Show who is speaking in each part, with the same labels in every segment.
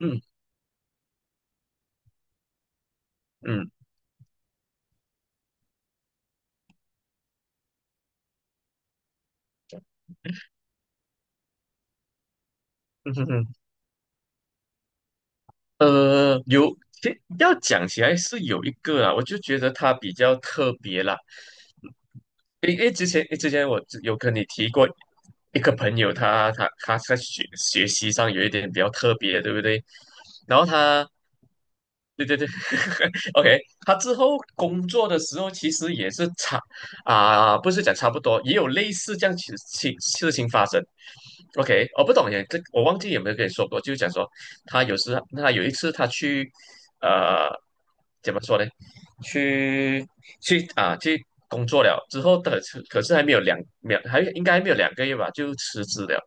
Speaker 1: 嗯嗯嗯哼哼，有，其要讲起来是有一个啊，我就觉得它比较特别啦。因为之前我有跟你提过一个朋友他，他在学习上有一点比较特别，对不对？然后他，对对对 ，OK,他之后工作的时候其实也是差不是讲差不多，也有类似这样事情发生。OK,我不懂耶，这我忘记有没有跟你说过，就是讲说他有一次他去呃怎么说呢？去去工作了之后的可是还应该还没有两个月吧，就辞职了。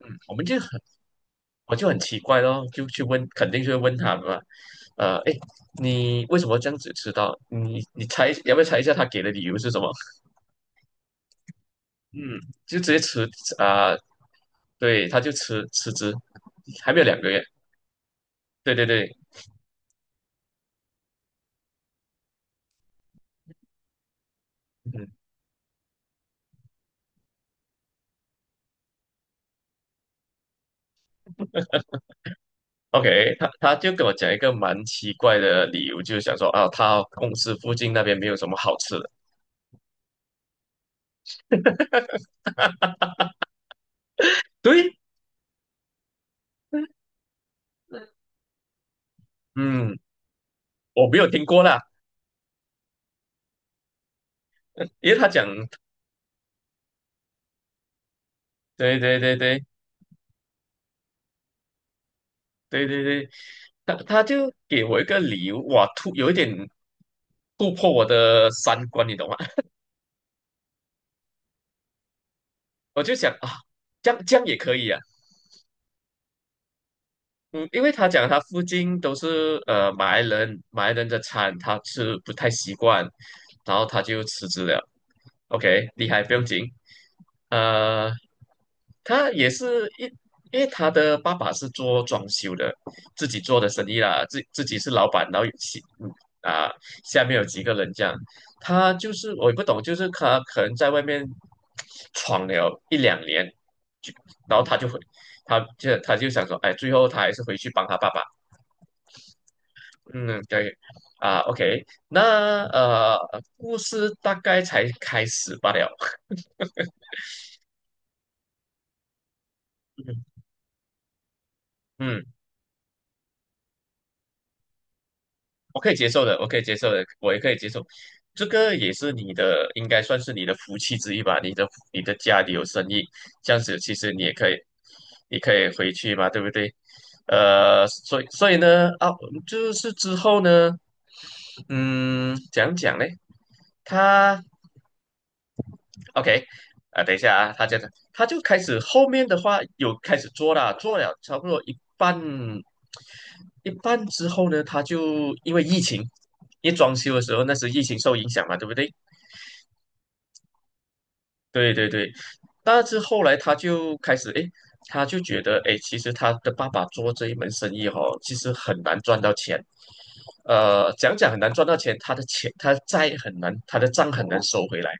Speaker 1: 嗯，我就很奇怪咯，就去问，肯定就会问他们嘛。哎，你为什么这样子迟到？你猜要不要猜一下他给的理由是什么？嗯，就直接辞啊、对，他就辞职，还没有两个月。对对对，嗯，OK,他就跟我讲一个蛮奇怪的理由，就是想说啊，他公司附近那边没有什么好吃的。对，嗯，我没有听过啦，因为他讲，对对对对对对对，他就给我一个理由，哇，突有一点突破我的三观，你懂吗？我就想啊，这样也可以啊，嗯，因为他讲他附近都是马来人，马来人的餐他吃不太习惯，然后他就辞职了，OK,厉害，不用紧。呃，他也是一，因为他的爸爸是做装修的，自己做的生意啦，自己是老板，然后有其嗯啊，下面有几个人这样，他就是我也不懂，就是他可能在外面闯了一两年，就然后他就回，他就想说，哎，最后他还是回去帮他爸爸，嗯，对，啊，OK,那故事大概才开始罢了，嗯我可以接受的，我可以接受的，我也可以接受。这个也是你的，应该算是你的福气之一吧。你的家里有生意，这样子其实你也可以，你可以回去嘛，对不对？所以呢，啊，就是之后呢，嗯，讲嘞，他 OK,啊，等一下啊，他这样，他就开始后面的话有开始做了，做了差不多一半，一半之后呢，他就因为疫情，一装修的时候那时疫情受影响嘛，对不对？对对对，但是后来他就开始，诶，他就觉得，诶，其实他的爸爸做这一门生意哦，其实很难赚到钱，讲很难赚到钱，他的债很难，他的账很难收回来。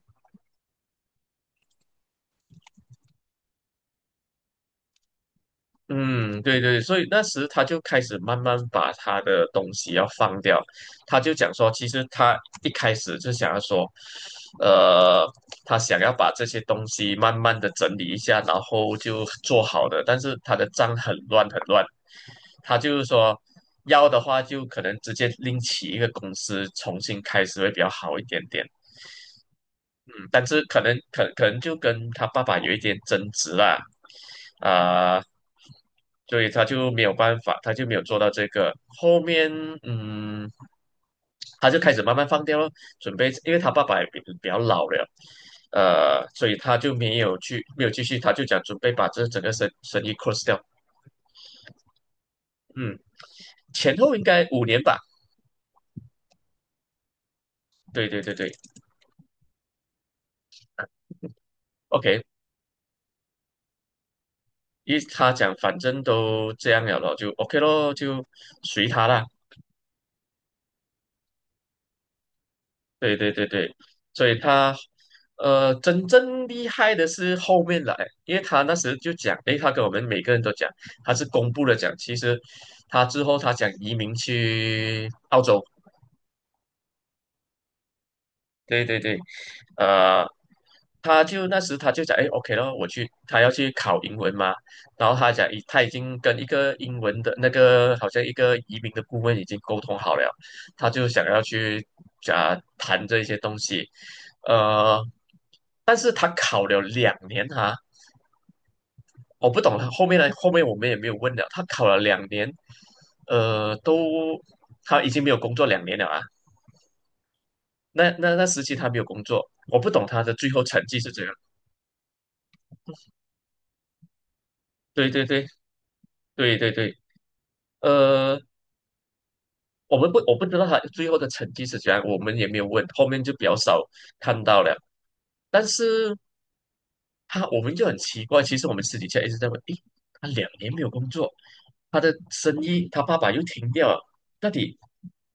Speaker 1: 嗯，对对，所以那时他就开始慢慢把他的东西要放掉，他就讲说，其实他一开始就想要说，呃，他想要把这些东西慢慢的整理一下，然后就做好的，但是他的账很乱很乱，他就是说要的话就可能直接另起一个公司重新开始会比较好一点点。嗯，但是可能就跟他爸爸有一点争执啦，啊、所以他就没有办法，他就没有做到这个。后面，嗯，他就开始慢慢放掉了，准备，因为他爸爸也比较老了，所以他就没有去，没有继续，他就讲准备把这整个生意 close 掉。嗯，前后应该五年吧。对对对对，OK,因为他讲反正都这样了咯，就 OK 咯，就随他啦。对对对对，所以他真正厉害的是后面来，因为他那时就讲，诶，他跟我们每个人都讲，他是公布了讲，其实他之后他想移民去澳洲。对对对，呃，他就那时他就讲，哎，OK 咯，我去，他要去考英文嘛，然后他讲，他已经跟一个英文的那个好像一个移民的顾问已经沟通好了，他就想要去讲谈这些东西，呃，但是他考了两年哈、我不懂他后面呢，后面我们也没有问了，他考了两年，都他已经没有工作2年了啊，那那时期他没有工作，我不懂他的最后成绩是怎样。对对对对对对，呃，我不知道他最后的成绩是怎样，我们也没有问，后面就比较少看到了。但是他我们就很奇怪，其实我们私底下一直在问，诶，他2年没有工作，他的生意他爸爸又停掉了，到底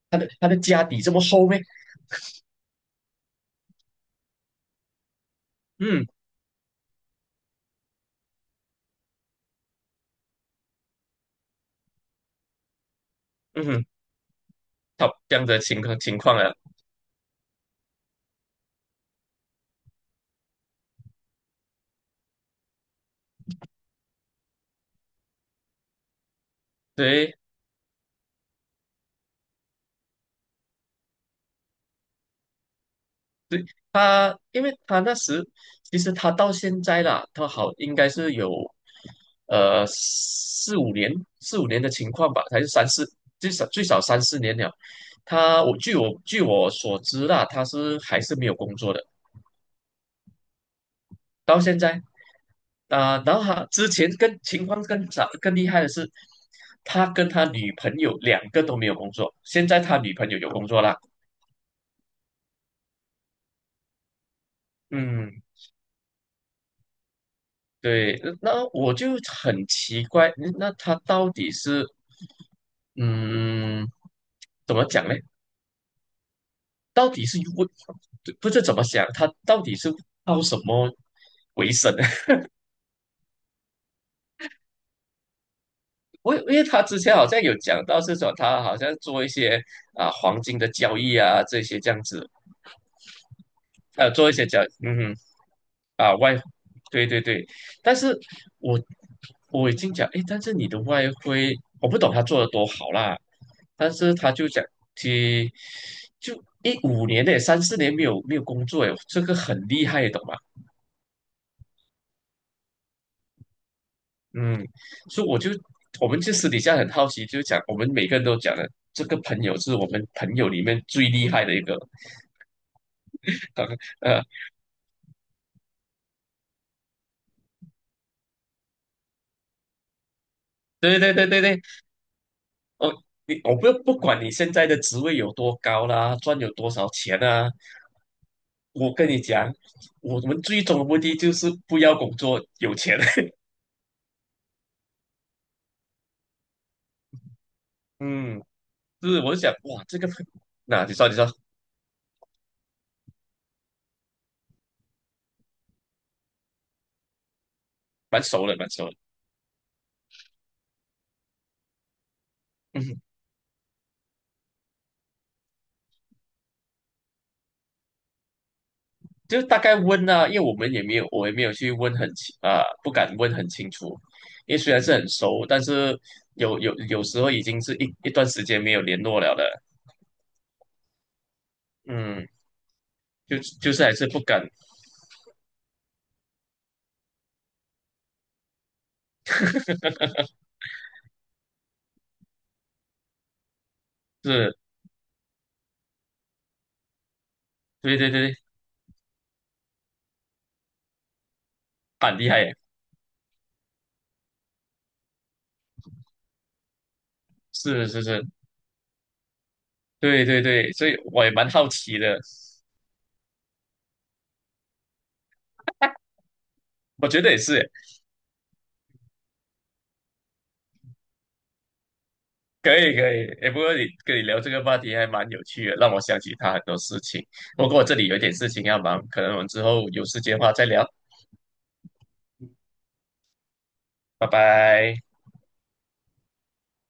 Speaker 1: 他的家底这么厚咩？嗯嗯哼，他这样的情况啊，对。对他，因为他那时其实他到现在啦，他好应该是有四五年的情况吧，还是最少最少三四年了。他我据我所知啦，他是还是没有工作的，到现在然后他之前更情况更早更厉害的是，他跟他女朋友两个都没有工作，现在他女朋友有工作啦，嗯。对，那我就很奇怪，嗯那他到底是，嗯，怎么讲呢？到底是为，不知怎么想，他到底是靠什么为生呢？我因为他之前好像有讲到是说，他好像做一些黄金的交易啊这些这样子，做一些交易，嗯哼啊，外，对对对，但是我我已经讲，诶，但是你的外汇，我不懂他做的多好啦，但是他就讲，其就一五年呢，三四年没有工作，诶，这个很厉害，懂吗？嗯，所以我们就私底下很好奇，就讲我们每个人都讲了，这个朋友是我们朋友里面最厉害的一个，呃，对对对对对，我你我不不管你现在的职位有多高啦，赚有多少钱啊。我跟你讲，我们最终的目的就是不要工作，有钱。嗯，是，我就想，哇，这个，那你说，你说，蛮熟了，蛮熟了。嗯，就大概问啊，因为我们也没有，我也没有去问很清不敢问很清楚，因为虽然是很熟，但是有时候已经是一段时间没有联络了的。嗯，就就是还是不敢，是，对对对，蛮厉害耶，是是是，对对对，所以我也蛮好奇的，我觉得也是耶可以可以，哎，不过你跟你聊这个话题还蛮有趣的，让我想起他很多事情。不过我这里有一点事情要忙，可能我们之后有时间的话再聊，拜拜。